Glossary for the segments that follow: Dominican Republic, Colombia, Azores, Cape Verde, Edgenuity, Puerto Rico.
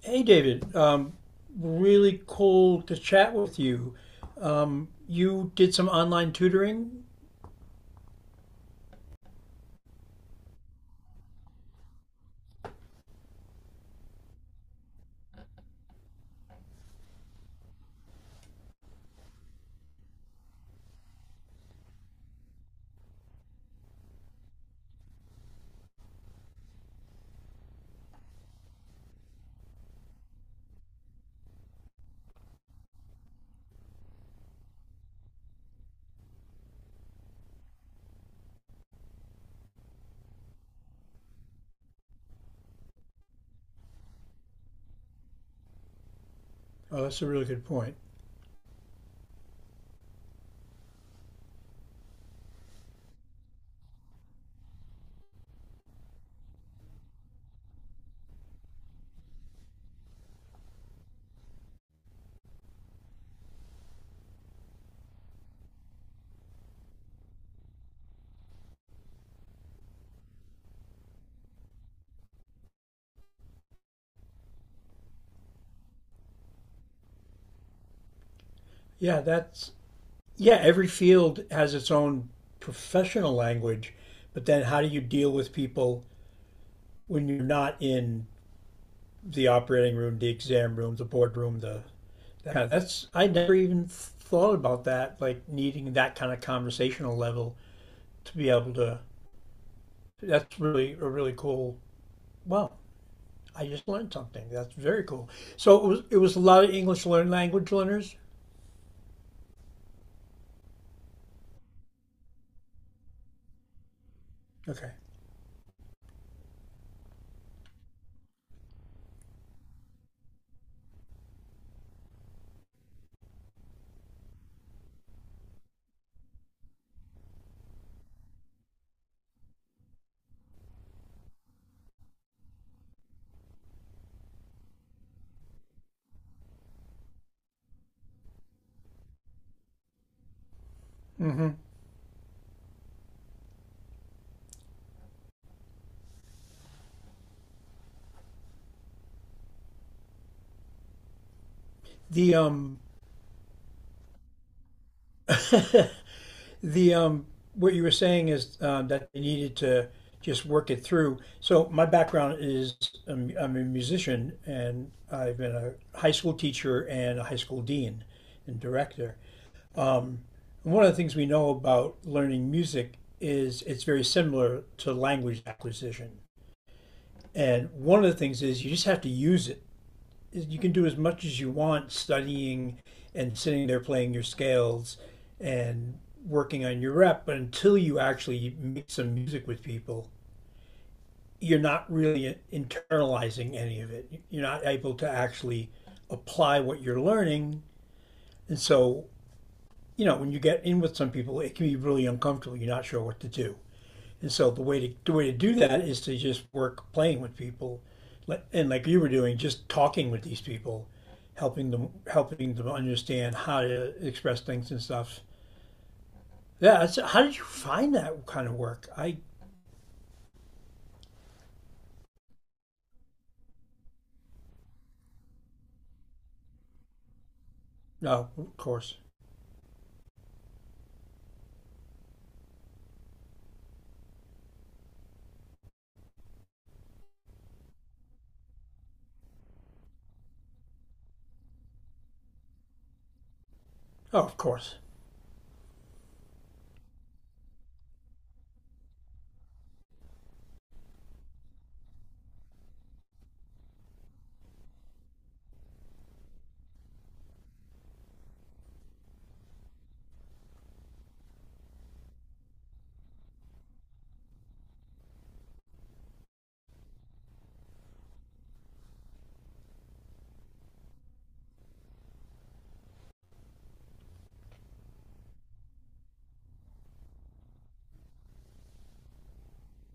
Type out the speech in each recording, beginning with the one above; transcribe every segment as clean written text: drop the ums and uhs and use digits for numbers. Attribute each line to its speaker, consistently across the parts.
Speaker 1: Hey, David. Really cool to chat with you. You did some online tutoring. Oh, that's a really good point. Yeah, that's yeah. Every field has its own professional language, but then how do you deal with people when you're not in the operating room, the exam room, the boardroom, the that kind of, that's I never even thought about that. Like needing that kind of conversational level to be able to. That's really a really cool. Wow, I just learned something. That's very cool. So it was a lot of English learn language learners. Okay. Hmm. The um the what you were saying is that they needed to just work it through. So my background is I'm a musician and I've been a high school teacher and a high school dean and director. And one of the things we know about learning music is it's very similar to language acquisition. And one of the things is you just have to use it, you can do as much as you want studying and sitting there playing your scales and working on your rep, but until you actually make some music with people, you're not really internalizing any of it. You're not able to actually apply what you're learning. And so, you know, when you get in with some people, it can be really uncomfortable. You're not sure what to do. And so the way to do that is to just work playing with people, and like you were doing, just talking with these people, helping them understand how to express things and stuff. Yeah. That's, how did you find that kind of work? I no, oh, of course. Oh, of course.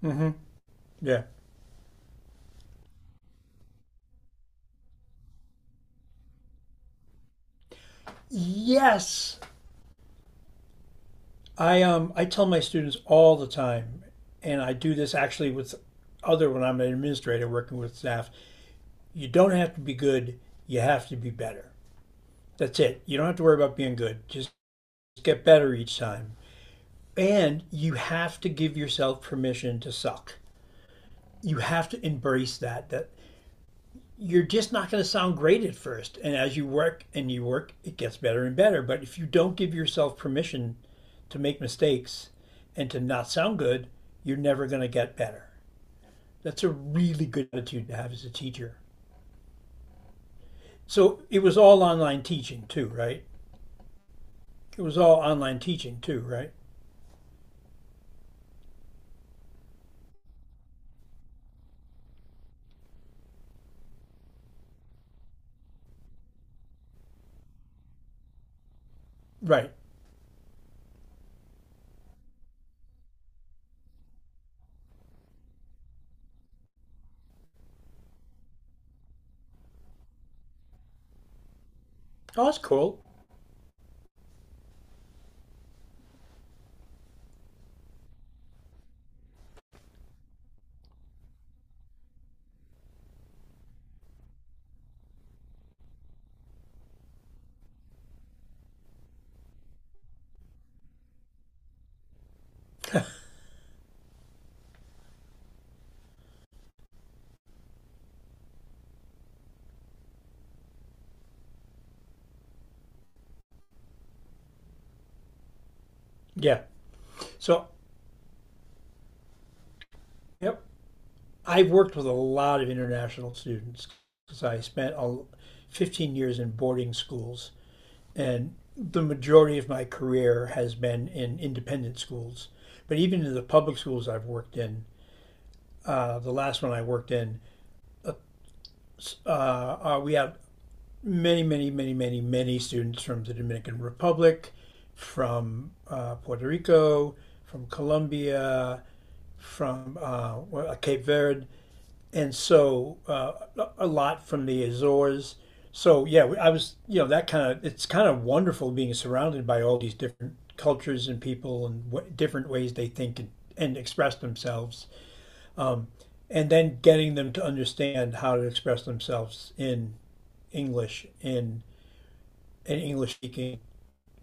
Speaker 1: Mm-hmm. Yeah. Yes, I I tell my students all the time, and I do this actually with other when I'm an administrator working with staff. You don't have to be good. You have to be better. That's it. You don't have to worry about being good. Just get better each time. And you have to give yourself permission to suck. You have to embrace that you're just not going to sound great at first. And as you work and you work, it gets better and better. But if you don't give yourself permission to make mistakes and to not sound good, you're never going to get better. That's a really good attitude to have as a teacher. So it was all online teaching too, right? It was all online teaching too, right? Right. Oh, that's cool. Yeah. So, yep. I've worked with a lot of international students because I spent 15 years in boarding schools, and the majority of my career has been in independent schools. But even in the public schools I've worked in, the last one I worked in, we had many, many, many, many, many students from the Dominican Republic, from Puerto Rico, from Colombia, from Cape Verde, and so lot from the Azores. So yeah, I was, you know, that kind of, it's kind of wonderful being surrounded by all these different cultures and people and different ways they think and express themselves, and then getting them to understand how to express themselves in English in an English speaking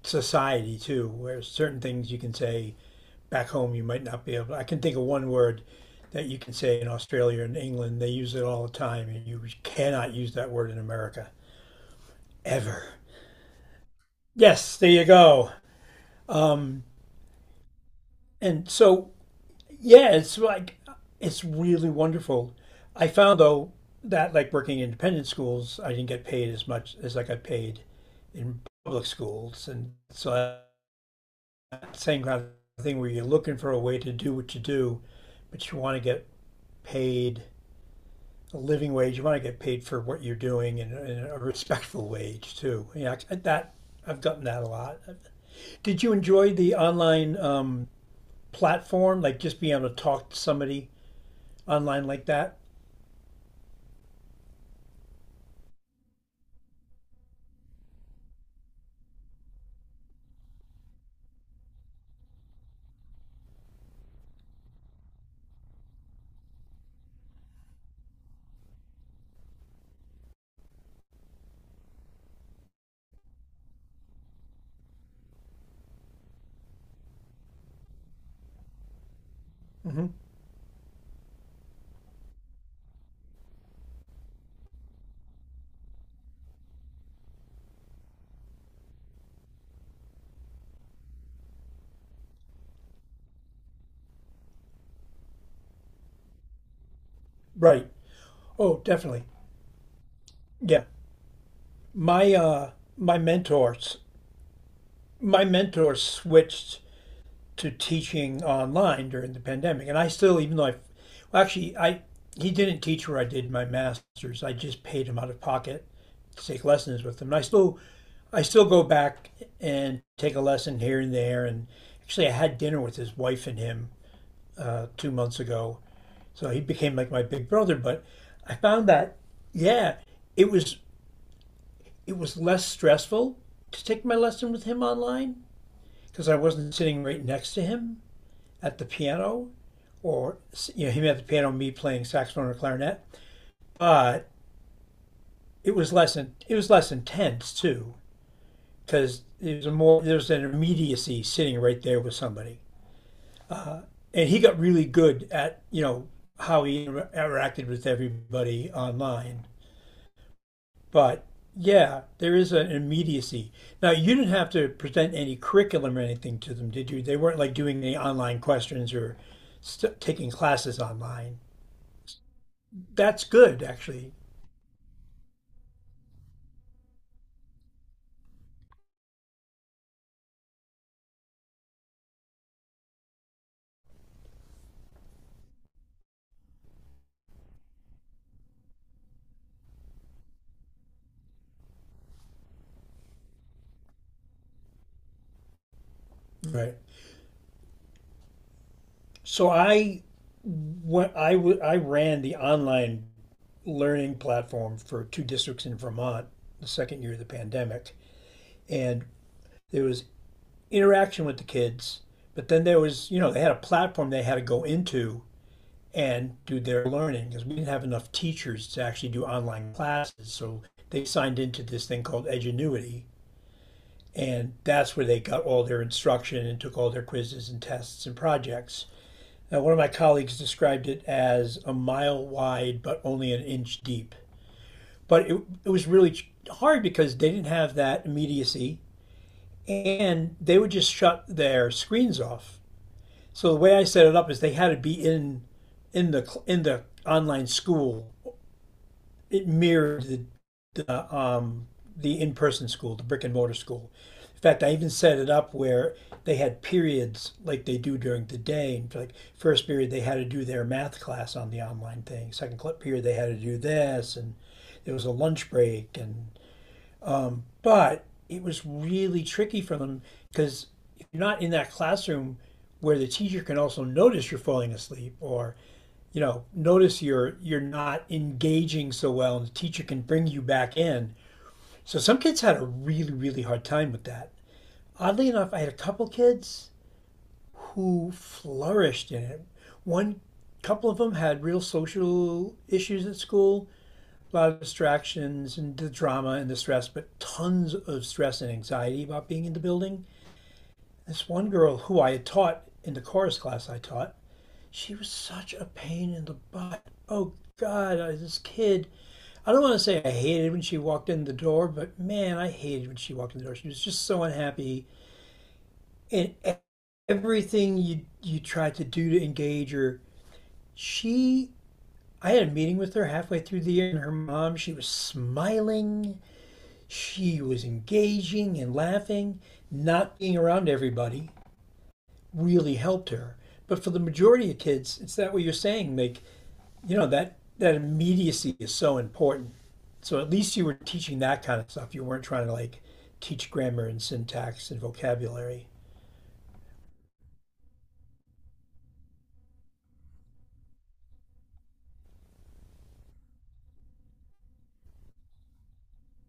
Speaker 1: society too, where certain things you can say back home you might not be able to. I can think of one word that you can say in Australia and England. They use it all the time, and you cannot use that word in America ever. Yes, there you go. Um, and so yeah, it's like it's really wonderful. I found though that like working in independent schools, I didn't get paid as much as I got paid in public schools, and so that same kind of thing where you're looking for a way to do what you do, but you want to get paid a living wage. You want to get paid for what you're doing and a respectful wage too. Yeah, that I've gotten that a lot. Did you enjoy the online platform, like just being able to talk to somebody online like that? Hmm. Right. Oh, definitely. Yeah. My uh, my mentors, my mentor switched to teaching online during the pandemic. And I still, even though I, well, actually, I he didn't teach where I did my master's. I just paid him out of pocket to take lessons with him. And I still go back and take a lesson here and there. And actually, I had dinner with his wife and him 2 months ago. So he became like my big brother. But I found that, yeah, it was it was less stressful to take my lesson with him online because I wasn't sitting right next to him at the piano, or you know him at the piano, me playing saxophone or clarinet. But it was less intense too because there was an immediacy sitting right there with somebody, and he got really good at, you know, how he interacted with everybody online. But yeah, there is an immediacy. Now you didn't have to present any curriculum or anything to them, did you? They weren't like doing any online questions or taking classes online. That's good actually. Right. So I, I ran the online learning platform for two districts in Vermont the second year of the pandemic, and there was interaction with the kids, but then there was, you know, they had a platform they had to go into and do their learning because we didn't have enough teachers to actually do online classes, so they signed into this thing called Edgenuity, and that's where they got all their instruction and took all their quizzes and tests and projects. Now, one of my colleagues described it as a mile wide but only an inch deep. But it was really hard because they didn't have that immediacy and they would just shut their screens off. So the way I set it up is they had to be in in the online school. It mirrored uh, um, the in-person school, the brick and mortar school. In fact, I even set it up where they had periods like they do during the day. And like first period, they had to do their math class on the online thing. Second period, they had to do this, and there was a lunch break. And but it was really tricky for them because if you're not in that classroom where the teacher can also notice you're falling asleep or you know notice you're not engaging so well and the teacher can bring you back in, so some kids had a really, really hard time with that. Oddly enough, I had a couple kids who flourished in it. One Couple of them had real social issues at school, a lot of distractions and the drama and the stress, but tons of stress and anxiety about being in the building. This one girl who I had taught in the chorus class I taught, she was such a pain in the butt. Oh God, this kid. I don't want to say I hated when she walked in the door, but man, I hated when she walked in the door. She was just so unhappy, and e- everything you tried to do to engage her, she. I had a meeting with her halfway through the year, and her mom. She was smiling. She was engaging and laughing. Not being around everybody really helped her. But for the majority of kids, it's that what you're saying, Mick. You know that that immediacy is so important. So at least you were teaching that kind of stuff. You weren't trying to like teach grammar and syntax and vocabulary.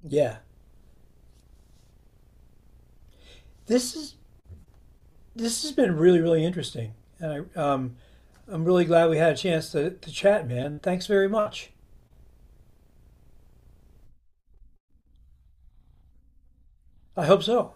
Speaker 1: Yeah, this is this has been really really interesting, and I'm really glad we had a chance to chat, man. Thanks very much. I hope so.